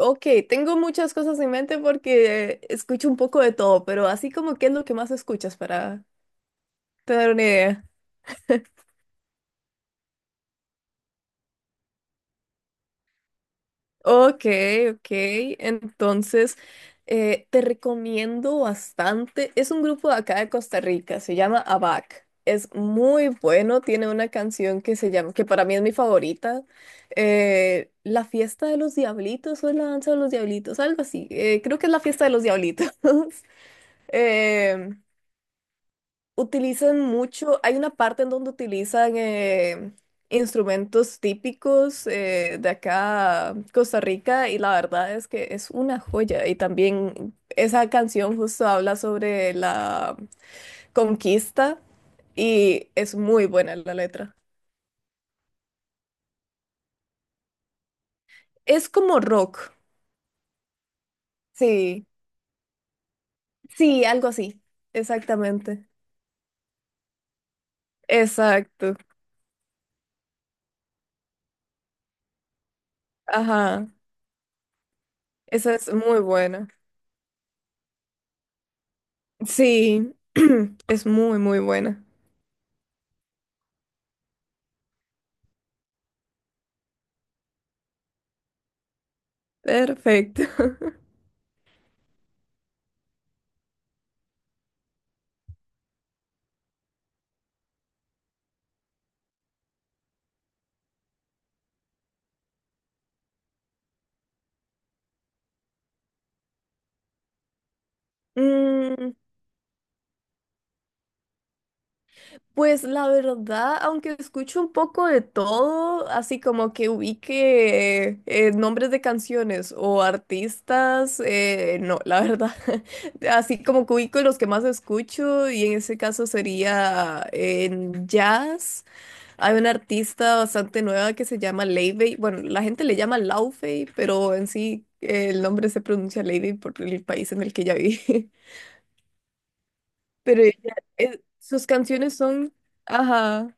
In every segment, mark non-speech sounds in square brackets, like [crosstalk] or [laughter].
Ok, tengo muchas cosas en mente porque escucho un poco de todo, pero así como qué es lo que más escuchas para tener una idea. [laughs] Ok, ok, entonces te recomiendo bastante. Es un grupo de acá de Costa Rica, se llama ABAC. Es muy bueno, tiene una canción que se llama, que para mí es mi favorita, La fiesta de los diablitos o es la danza de los diablitos, algo así. Creo que es la fiesta de los diablitos. [laughs] Em, Utilizan mucho, hay una parte en donde utilizan instrumentos típicos de acá, Costa Rica, y la verdad es que es una joya. Y también esa canción justo habla sobre la conquista y es muy buena la letra. Es como rock, sí, sí, algo así, exactamente. Exacto, ajá, esa es muy buena. Sí, [clears throat] es muy, muy buena. Perfecto. [laughs] Mm, pues la verdad, aunque escucho un poco de todo, así como que ubique nombres de canciones o artistas, no, la verdad. [laughs] Así como que ubico los que más escucho y en ese caso sería en jazz. Hay una artista bastante nueva que se llama Leivey. Bueno, la gente le llama Laufey, pero en sí el nombre se pronuncia Leivey por el país en el que ella vive. Pero ella, sus canciones son, ajá,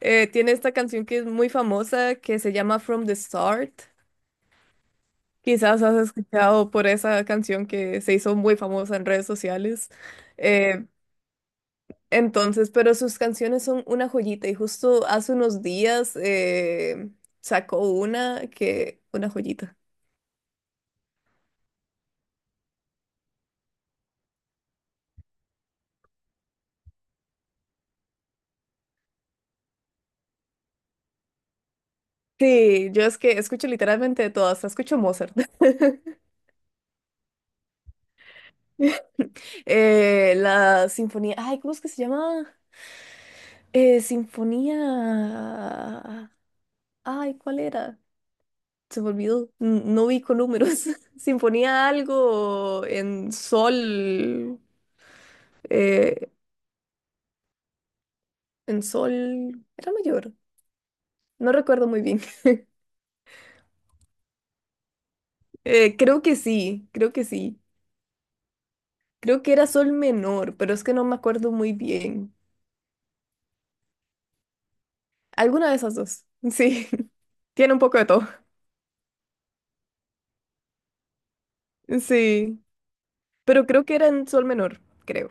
tiene esta canción que es muy famosa que se llama From the Start. Quizás has escuchado por esa canción que se hizo muy famosa en redes sociales. Eh, entonces, pero sus canciones son una joyita y justo hace unos días sacó una que, una joyita. Sí, yo es que escucho literalmente de todas, hasta escucho Mozart. [laughs] La sinfonía, ay, ¿cómo es que se llama? Sinfonía. Ay, ¿cuál era? Se me olvidó. No vi con números. [laughs] Sinfonía algo en sol. eh, en sol. Era mayor. No recuerdo muy bien. [laughs] Creo que sí, creo que sí. Creo que era sol menor, pero es que no me acuerdo muy bien. Alguna de esas dos. Sí. [laughs] Tiene un poco de todo. Sí. Pero creo que era en sol menor, creo.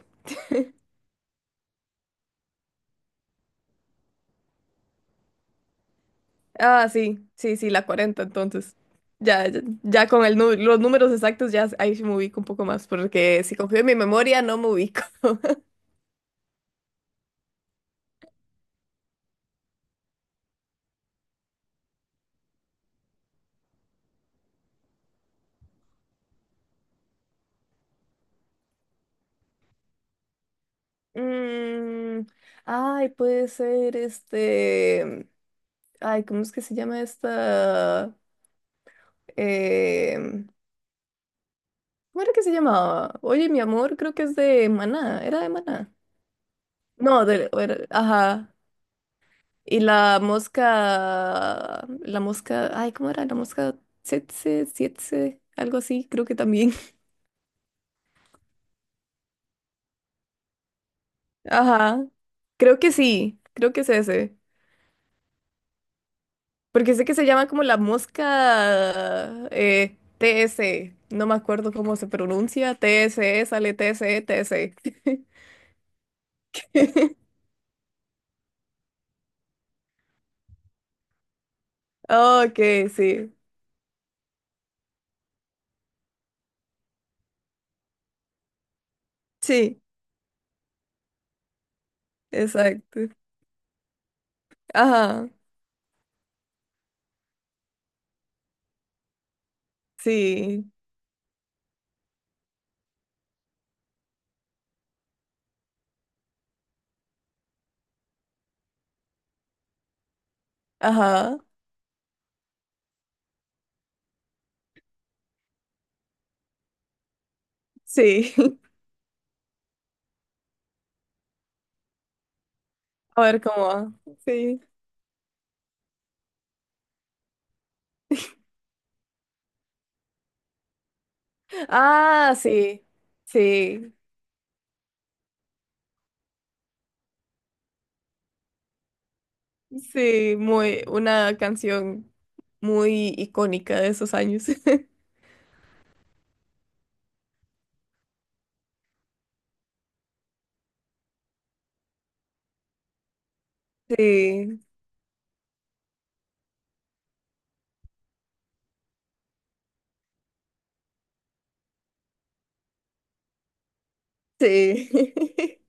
Ah, sí, sí, sí, la 40 entonces. Ya, ya, ya con el, los números exactos, ya ahí sí me ubico un poco más, porque si confío en mi memoria, no me ubico. [laughs] Mm, ay, puede ser este. Ay, ¿cómo es que se llama esta? Em, ¿Cómo era que se llamaba? Oye, mi amor, creo que es de Maná. ¿Era de Maná? No, de. Ajá. Y la mosca. La mosca. Ay, ¿cómo era? La mosca. Tsetse, sietse, algo así, creo que también. Ajá. Creo que sí. Creo que es ese. Porque sé que se llama como la mosca TS. No me acuerdo cómo se pronuncia. TSE, sale TSE, TSE. [laughs] Ok, sí. Sí, exacto. Ajá. Sí. Ajá. Sí. [laughs] A ver cómo va. Sí. Ah, sí. Sí. Sí. Muy, una canción muy icónica de esos años. [laughs] Sí, sí. [laughs]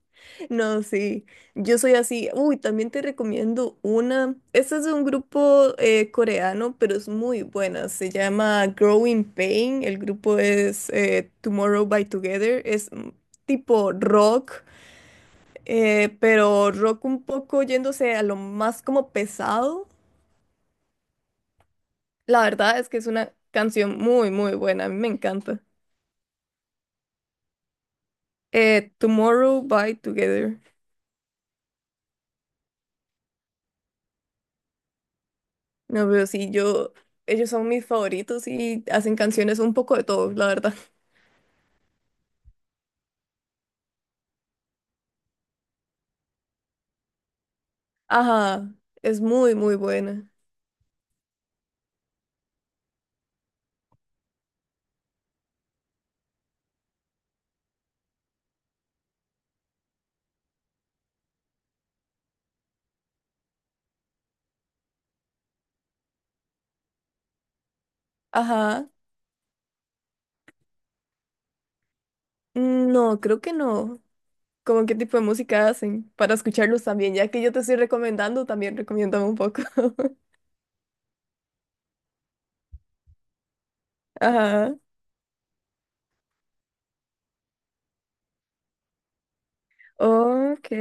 No, sí. Yo soy así. Uy, también te recomiendo una. Este es de un grupo coreano, pero es muy buena. Se llama Growing Pain. El grupo es Tomorrow by Together. Es tipo rock, pero rock un poco yéndose a lo más como pesado. La verdad es que es una canción muy, muy buena. A mí me encanta. Tomorrow by Together. No, pero sí, yo, ellos son mis favoritos y hacen canciones un poco de todo, la verdad. Ajá, es muy, muy buena. Ajá, mm, no, creo que no. ¿Cómo qué tipo de música hacen? Para escucharlos también, ya que yo te estoy recomendando, también recomiéndame un poco. [laughs] Ajá, ok,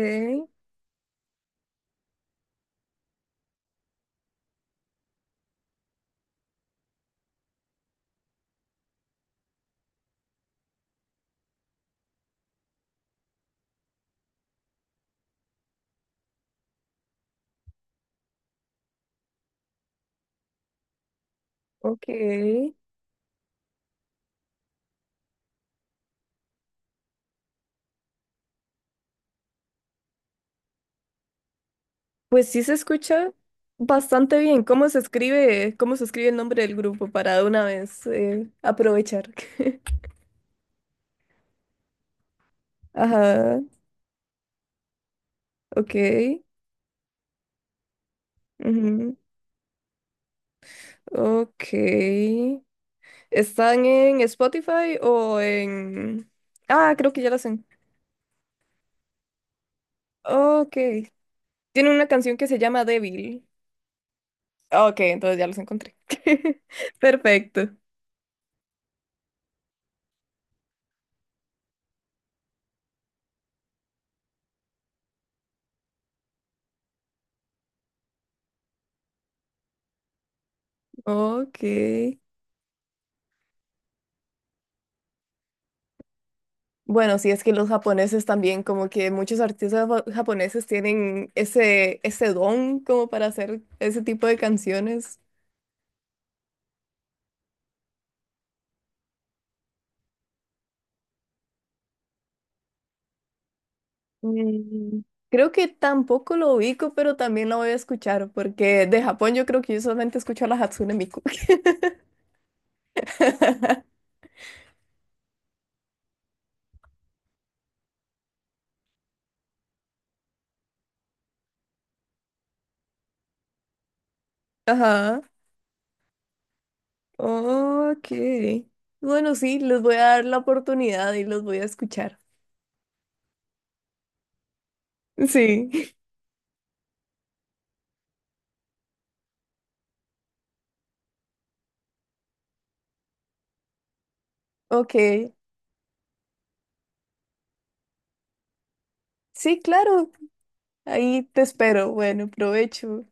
ok. Pues sí se escucha bastante bien. Cómo se escribe el nombre del grupo para de una vez aprovechar? [laughs] Ajá, ok. Ujú. Ok. ¿Están en Spotify o en...? Ah, creo que ya las en... Ok. Tiene una canción que se llama Débil. Ok, entonces ya los encontré. [laughs] Perfecto. Ok. Bueno, sí, es que los japoneses también, como que muchos artistas japoneses tienen ese, ese don como para hacer ese tipo de canciones. Mm, Creo que tampoco lo ubico, pero también lo voy a escuchar, porque de Japón yo creo que yo solamente escucho a la Hatsune Miku. [laughs] Ajá. Ok. Bueno, sí, les voy a dar la oportunidad y los voy a escuchar. Sí. [laughs] Ok. Sí, claro. Ahí te espero. Bueno, provecho.